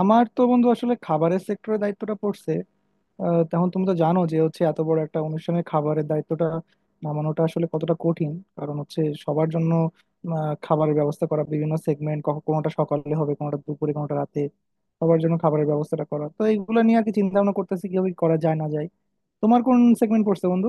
আমার তো বন্ধু আসলে খাবারের সেক্টরের দায়িত্বটা পড়ছে। তেমন তুমি তো জানো যে হচ্ছে এত বড় একটা অনুষ্ঠানে খাবারের দায়িত্বটা নামানোটা আসলে কতটা কঠিন। কারণ হচ্ছে সবার জন্য খাবারের ব্যবস্থা করা, বিভিন্ন সেগমেন্ট, কোনোটা সকালে হবে কোনোটা দুপুরে কোনোটা রাতে। সবার জন্য খাবারের ব্যবস্থাটা করা, তো এইগুলো নিয়ে আর কি চিন্তা ভাবনা করতেছি কিভাবে করা যায় না যায়। তোমার কোন সেগমেন্ট পড়ছে বন্ধু?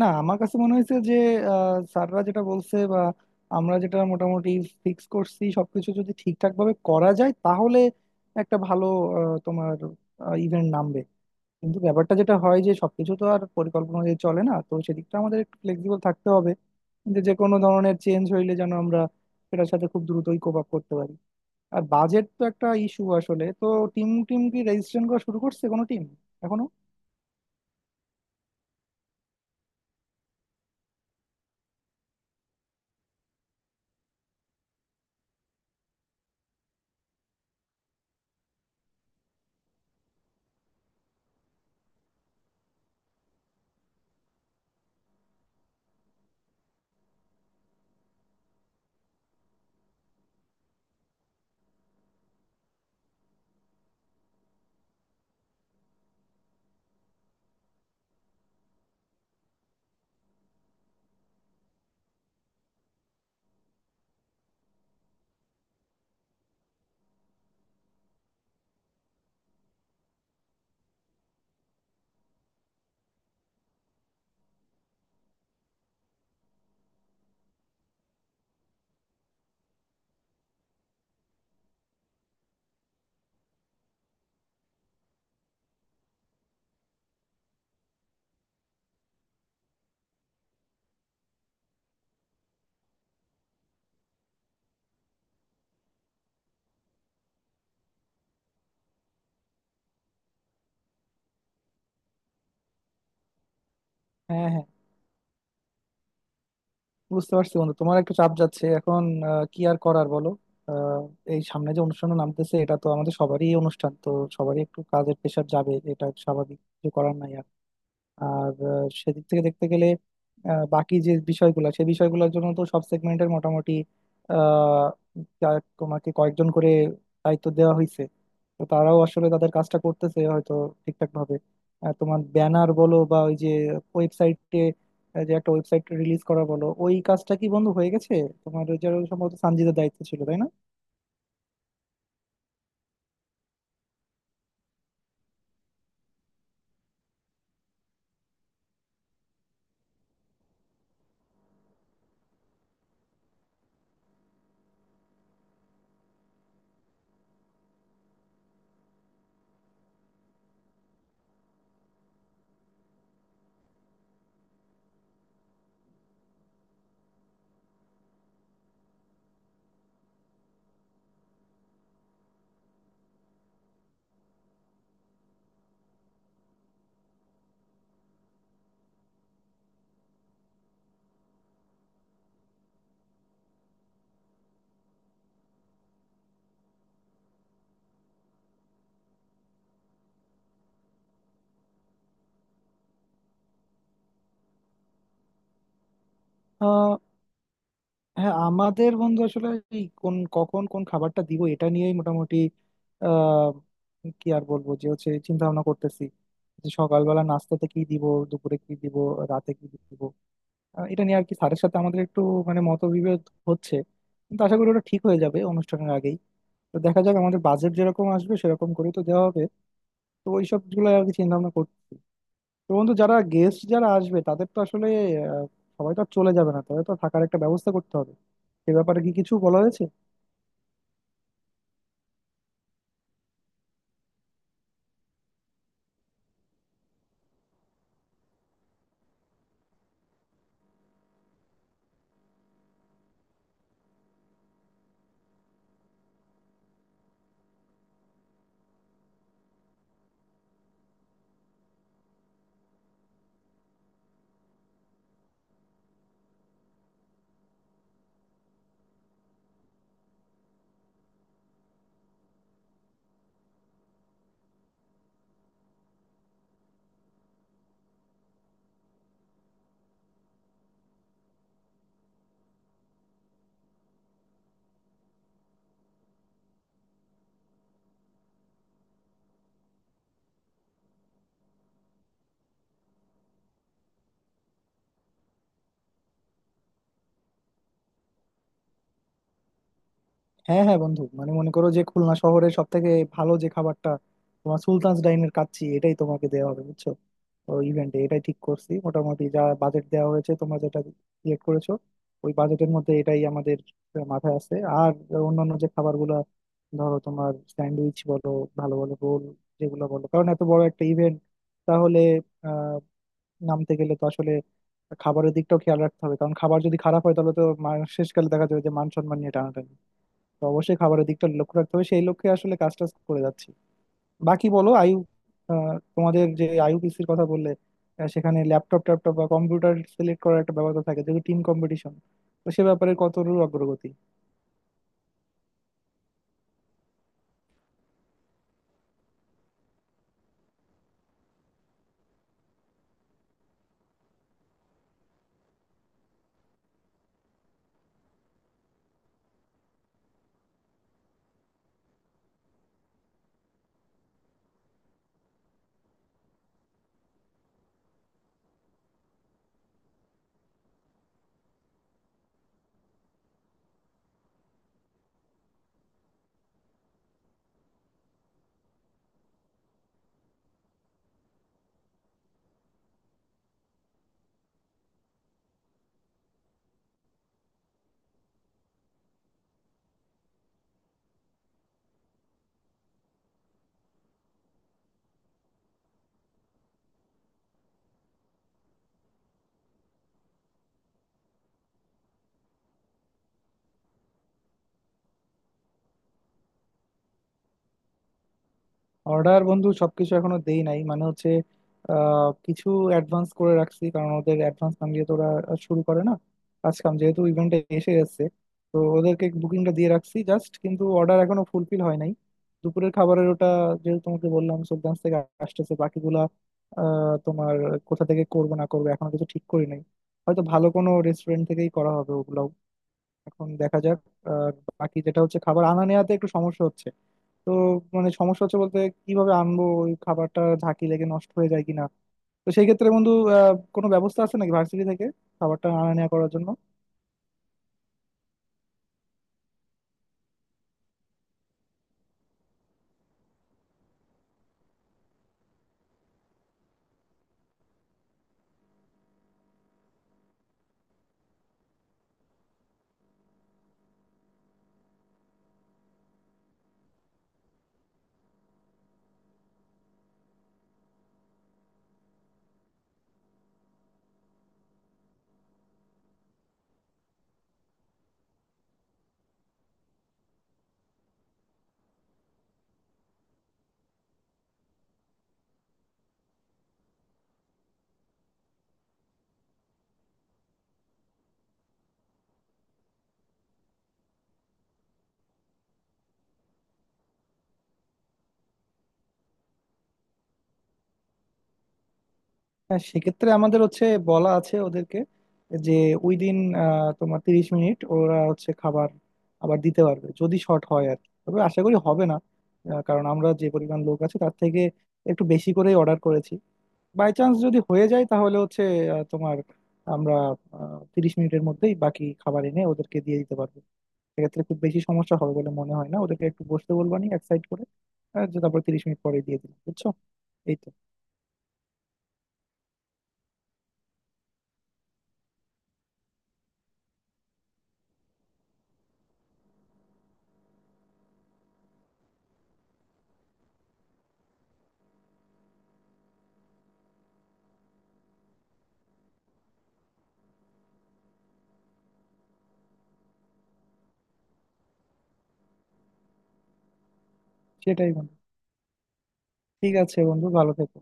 না, আমার কাছে মনে হয়েছে যে স্যাররা যেটা বলছে বা আমরা যেটা মোটামুটি ফিক্স করছি সবকিছু যদি ঠিকঠাক ভাবে করা যায় তাহলে একটা ভালো তোমার ইভেন্ট নামবে। কিন্তু ব্যাপারটা যেটা হয় যে সবকিছু তো আর পরিকল্পনা অনুযায়ী চলে না, তো সেদিকটা আমাদের একটু ফ্লেক্সিবল থাকতে হবে যে যে কোনো ধরনের চেঞ্জ হইলে যেন আমরা সেটার সাথে খুব দ্রুতই কোপ আপ করতে পারি। আর বাজেট তো একটা ইস্যু আসলে। তো টিম টিম কি রেজিস্ট্রেশন করা শুরু করছে কোনো টিম এখনো? হ্যাঁ, হ্যাঁ, বুঝতে পারছি বন্ধু, তোমার একটু চাপ যাচ্ছে এখন। কি আর করার বলো। আহ, এই সামনে যে অনুষ্ঠান নামতেছে এটা তো আমাদের সবারই অনুষ্ঠান, তো সবারই একটু কাজের প্রেশার যাবে, এটা স্বাভাবিক, কিছু করার নাই। আর সেদিক থেকে দেখতে গেলে বাকি যে বিষয়গুলো সেই বিষয়গুলোর জন্য তো সব সেগমেন্টের মোটামুটি আহ, তোমাকে কয়েকজন করে দায়িত্ব দেওয়া হয়েছে। তো তারাও আসলে তাদের কাজটা করতেছে হয়তো ঠিকঠাক ভাবে। তোমার ব্যানার বলো বা ওই যে ওয়েবসাইটে, যে একটা ওয়েবসাইট রিলিজ করা বলো, ওই কাজটা কি বন্ধু হয়ে গেছে? তোমার ওই যে সম্ভবত সানজিদের দায়িত্ব ছিল তাই না? হ্যাঁ আমাদের বন্ধু আসলে এই কোন কখন কোন খাবারটা দিব এটা নিয়েই মোটামুটি আহ কি আর বলবো, যে হচ্ছে চিন্তা ভাবনা করতেছি যে সকালবেলা নাস্তাতে কি দিব, দুপুরে কি দিব, রাতে কি দিব। এটা নিয়ে আর কি স্যারের সাথে আমাদের একটু মানে মতবিভেদ হচ্ছে। কিন্তু আশা করি ওটা ঠিক হয়ে যাবে অনুষ্ঠানের আগেই। তো দেখা যাক আমাদের বাজেট যেরকম আসবে সেরকম করে তো দেওয়া হবে। তো ওইসব গুলো আর কি চিন্তা ভাবনা করছি। তো বন্ধু যারা গেস্ট যারা আসবে তাদের তো আসলে আহ, সবাই তো আর চলে যাবে না, তাদের তো থাকার একটা ব্যবস্থা করতে হবে। এ ব্যাপারে কি কিছু বলা হয়েছে? হ্যাঁ, হ্যাঁ, বন্ধু, মানে মনে করো যে খুলনা শহরের সব থেকে ভালো যে খাবারটা, তোমার সুলতানস ডাইনের কাচ্চি, এটাই তোমাকে দেওয়া হবে বুঝছো। তো ইভেন্টে এটাই ঠিক করছি, মোটামুটি যা বাজেট দেওয়া হয়েছে তোমরা যেটা সিলেক্ট করেছো ওই বাজেটের মধ্যে এটাই আমাদের মাথায় আছে। আর অন্যান্য যে খাবারগুলো ধরো তোমার স্যান্ডউইচ বলো, ভালো ভালো রোল যেগুলো বলো, কারণ এত বড় একটা ইভেন্ট তাহলে নামতে গেলে তো আসলে খাবারের দিকটাও খেয়াল রাখতে হবে, কারণ খাবার যদি খারাপ হয় তাহলে তো শেষকালে দেখা যাবে যে মান সম্মান নিয়ে টানাটানি। তো অবশ্যই খাবারের দিকটা লক্ষ্য রাখতে হবে, সেই লক্ষ্যে আসলে কাজ টাজ করে যাচ্ছি। বাকি বলো তোমাদের যে আইইউপিসির কথা বললে, সেখানে ল্যাপটপ ট্যাপটপ বা কম্পিউটার সিলেক্ট করার একটা ব্যাপার তো থাকে যেহেতু টিম কম্পিটিশন। তো সে ব্যাপারে কতটুকু অগ্রগতি? অর্ডার বন্ধু সবকিছু এখনো দেই নাই, মানে হচ্ছে কিছু অ্যাডভান্স করে রাখছি কারণ ওদের অ্যাডভান্স না দিয়ে তো ওরা শুরু করে না। কাজ কাম যেহেতু ইভেন্টে এসে গেছে তো ওদেরকে বুকিংটা দিয়ে রাখছি জাস্ট, কিন্তু অর্ডার এখনো ফুলফিল হয় নাই। দুপুরের খাবারের ওটা যেহেতু তোমাকে বললাম সুলতান থেকে আসতেছে। বাকিগুলা তোমার কোথা থেকে করবো না করবো এখনো কিছু ঠিক করি নাই। হয়তো ভালো কোনো রেস্টুরেন্ট থেকেই করা হবে ওগুলো। এখন দেখা যাক। আর বাকি যেটা হচ্ছে খাবার আনা নেওয়াতে একটু সমস্যা হচ্ছে। তো মানে সমস্যা হচ্ছে বলতে, কিভাবে আনবো ওই খাবারটা, ঝাঁকি লেগে নষ্ট হয়ে যায় কিনা। তো সেই ক্ষেত্রে বন্ধু কোনো ব্যবস্থা আছে নাকি ভার্সিটি থেকে খাবারটা আনা নেওয়া করার জন্য? হ্যাঁ, সেক্ষেত্রে আমাদের হচ্ছে বলা আছে ওদেরকে যে ওই দিন তোমার 30 মিনিট ওরা হচ্ছে খাবার আবার দিতে পারবে যদি শর্ট হয় আর কি। তবে আশা করি হবে না। কারণ আমরা যে পরিমাণ লোক আছে তার থেকে একটু বেশি করেই অর্ডার করেছি। বাই চান্স যদি হয়ে যায় তাহলে হচ্ছে আহ, তোমার আমরা 30 মিনিটের মধ্যেই বাকি খাবার এনে ওদেরকে দিয়ে দিতে পারবো। সেক্ষেত্রে খুব বেশি সমস্যা হবে বলে মনে হয় না, ওদেরকে একটু বসতে বলবানি এক সাইড করে। যে তারপর 30 মিনিট পরে দিয়ে দিলাম বুঝছো, এই তো। সেটাই বন্ধু। ঠিক আছে বন্ধু ভালো থেকো।